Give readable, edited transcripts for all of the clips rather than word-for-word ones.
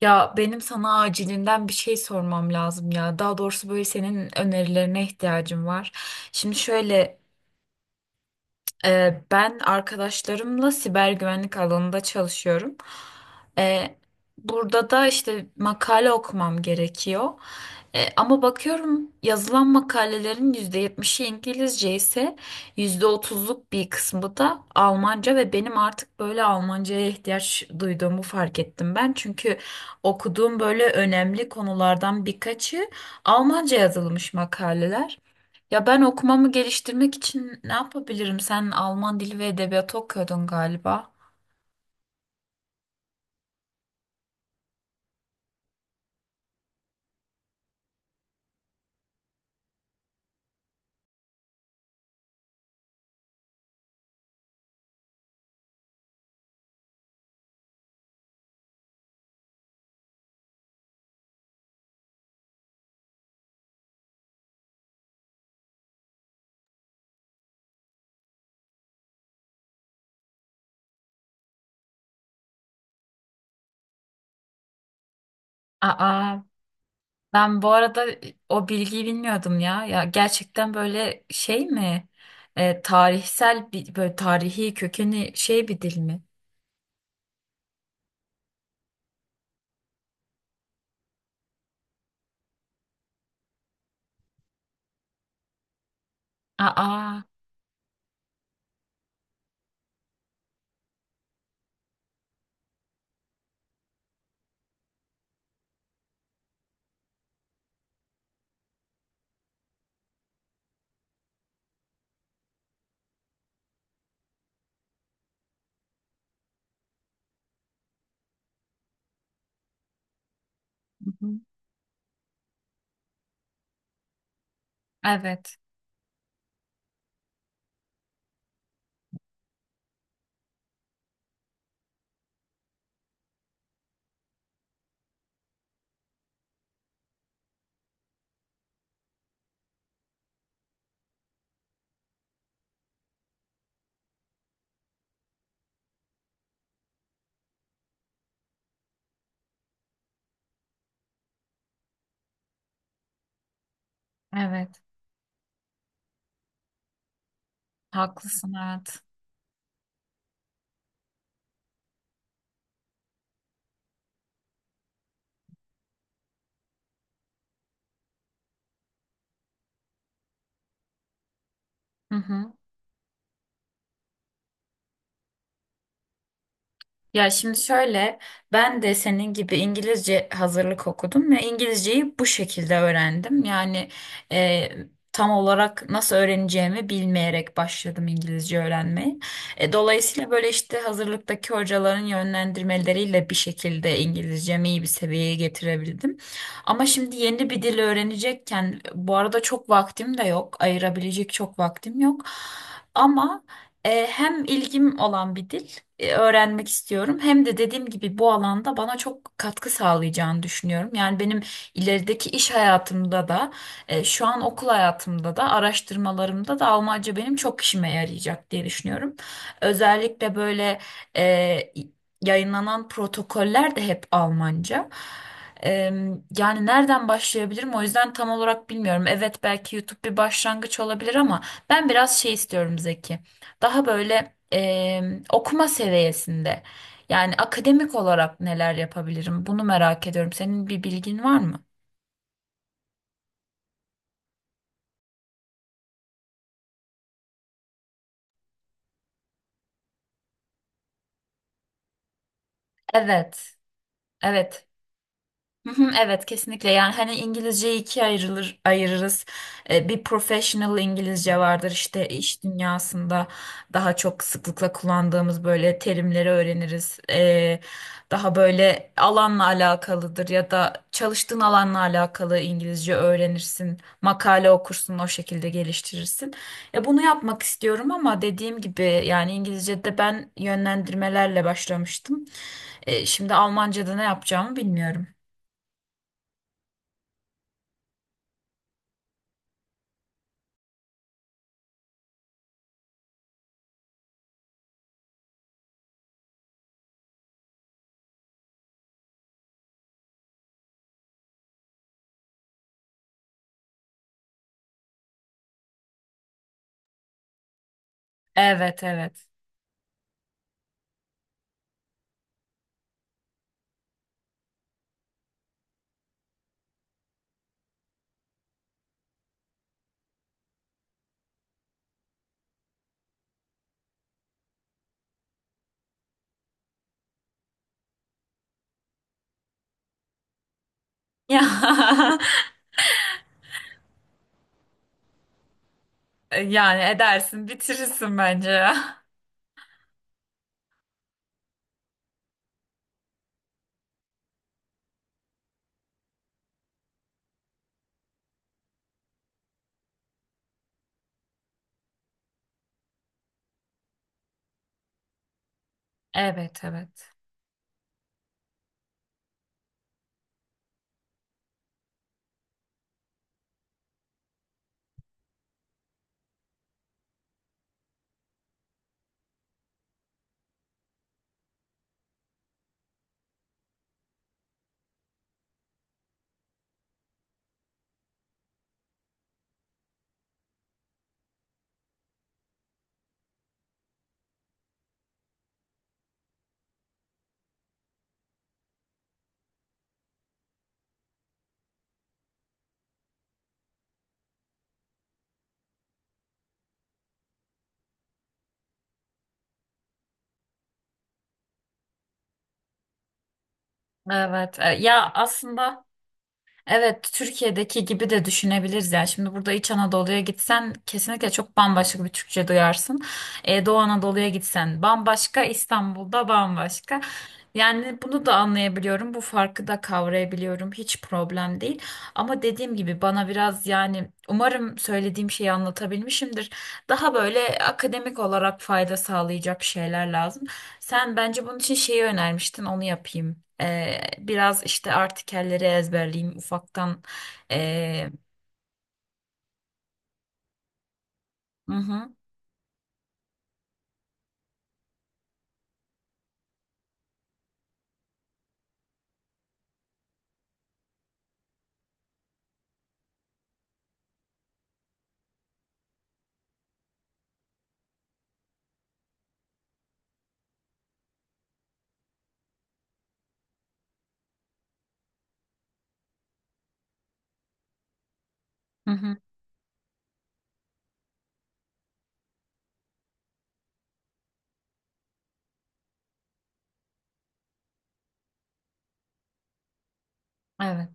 Ya benim sana acilinden bir şey sormam lazım ya. Daha doğrusu böyle senin önerilerine ihtiyacım var. Şimdi şöyle. Ben arkadaşlarımla siber güvenlik alanında çalışıyorum. Ee, Burada da işte makale okumam gerekiyor. Ama bakıyorum yazılan makalelerin %70'i İngilizce ise %30'luk bir kısmı da Almanca ve benim artık böyle Almanca'ya ihtiyaç duyduğumu fark ettim ben. Çünkü okuduğum böyle önemli konulardan birkaçı Almanca yazılmış makaleler. Ya ben okumamı geliştirmek için ne yapabilirim? Sen Alman dili ve edebiyatı okuyordun galiba. Aa, ben bu arada o bilgiyi bilmiyordum ya. Ya gerçekten böyle şey mi? Tarihsel bir böyle tarihi kökeni şey bir dil mi? Aa, hı hı. Evet, evet. Haklısın, evet. Hı hı. Ya şimdi şöyle, ben de senin gibi İngilizce hazırlık okudum ve İngilizceyi bu şekilde öğrendim. Yani e, tam olarak nasıl öğreneceğimi bilmeyerek başladım İngilizce öğrenmeye. Dolayısıyla böyle işte hazırlıktaki hocaların yönlendirmeleriyle bir şekilde İngilizcemi iyi bir seviyeye getirebildim. Ama şimdi yeni bir dil öğrenecekken bu arada çok vaktim de yok, ayırabilecek çok vaktim yok. Ama hem ilgim olan bir dil öğrenmek istiyorum hem de dediğim gibi bu alanda bana çok katkı sağlayacağını düşünüyorum. Yani benim ilerideki iş hayatımda da şu an okul hayatımda da araştırmalarımda da Almanca benim çok işime yarayacak diye düşünüyorum. Özellikle böyle e, yayınlanan protokoller de hep Almanca. E, Yani nereden başlayabilirim o yüzden tam olarak bilmiyorum. Evet belki YouTube bir başlangıç olabilir ama ben biraz şey istiyorum Zeki, daha böyle okuma seviyesinde. Yani akademik olarak neler yapabilirim? Bunu merak ediyorum. Senin bir bilgin var mı? Evet, evet. Hı hı, evet, kesinlikle yani hani İngilizceyi ikiye ayırırız. Bir professional İngilizce vardır işte iş dünyasında daha çok sıklıkla kullandığımız böyle terimleri öğreniriz. Daha böyle alanla alakalıdır ya da çalıştığın alanla alakalı İngilizce öğrenirsin. Makale okursun o şekilde geliştirirsin. Ya bunu yapmak istiyorum ama dediğim gibi yani İngilizce'de ben yönlendirmelerle başlamıştım. Şimdi Almanca'da ne yapacağımı bilmiyorum. Evet, evet. Ya yani edersin bitirirsin bence ya. Evet, evet. Evet. Ya aslında, evet, Türkiye'deki gibi de düşünebiliriz yani. Şimdi burada İç Anadolu'ya gitsen kesinlikle çok bambaşka bir Türkçe duyarsın. Doğu Anadolu'ya gitsen bambaşka, İstanbul'da bambaşka. Yani bunu da anlayabiliyorum, bu farkı da kavrayabiliyorum. Hiç problem değil. Ama dediğim gibi bana biraz yani umarım söylediğim şeyi anlatabilmişimdir. Daha böyle akademik olarak fayda sağlayacak şeyler lazım. Sen bence bunun için şeyi önermiştin, onu yapayım. Biraz işte artikelleri ezberleyeyim ufaktan. Ee, hı hı, hı hı. Evet,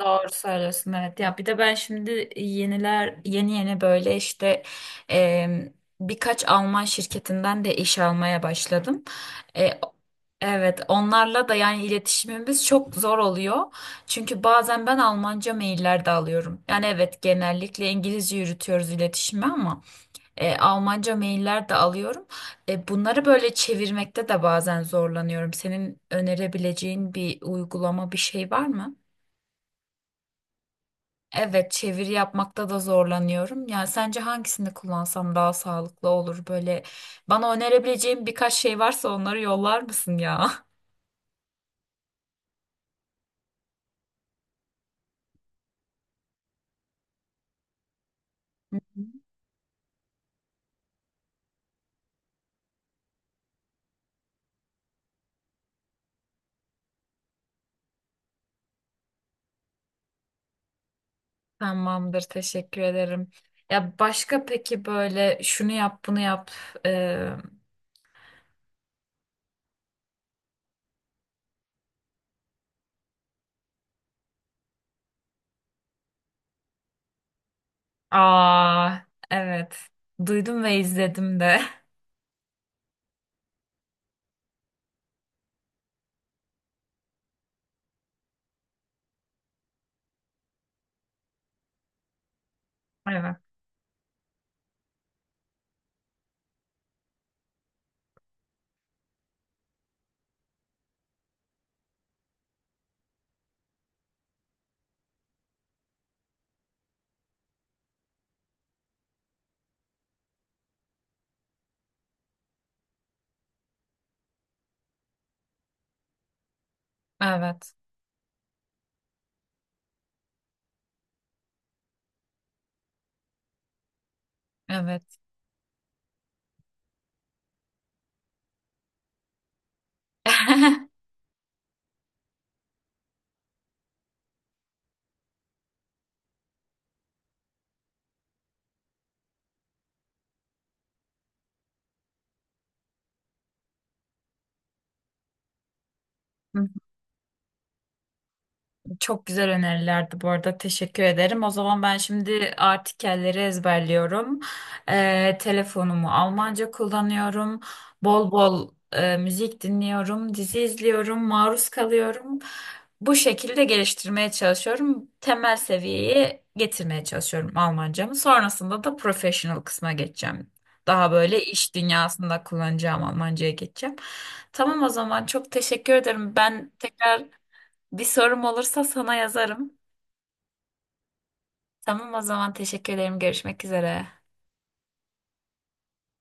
doğru söylüyorsun. Evet, ya bir de ben şimdi yeni yeni böyle işte em, birkaç Alman şirketinden de iş almaya başladım. E, evet, onlarla da yani iletişimimiz çok zor oluyor. Çünkü bazen ben Almanca mailler de alıyorum. Yani evet, genellikle İngilizce yürütüyoruz iletişimi ama. Almanca mailler de alıyorum. Bunları böyle çevirmekte de bazen zorlanıyorum. Senin önerebileceğin bir uygulama, bir şey var mı? Evet, çeviri yapmakta da zorlanıyorum. Yani sence hangisini kullansam daha sağlıklı olur? Böyle bana önerebileceğin birkaç şey varsa onları yollar mısın ya? Hı hı. Tamamdır, teşekkür ederim. Ya başka peki böyle şunu yap, bunu yap. E, Aa, evet. Duydum ve izledim de. Evet. Evet. Evet. Çok güzel önerilerdi bu arada. Teşekkür ederim. O zaman ben şimdi artikelleri ezberliyorum. Telefonumu Almanca kullanıyorum. Bol bol müzik dinliyorum. Dizi izliyorum. Maruz kalıyorum. Bu şekilde geliştirmeye çalışıyorum. Temel seviyeye getirmeye çalışıyorum Almancamı. Sonrasında da professional kısma geçeceğim. Daha böyle iş dünyasında kullanacağım Almancaya geçeceğim. Tamam o zaman çok teşekkür ederim. Ben tekrar bir sorum olursa sana yazarım. Tamam o zaman teşekkür ederim. Görüşmek üzere.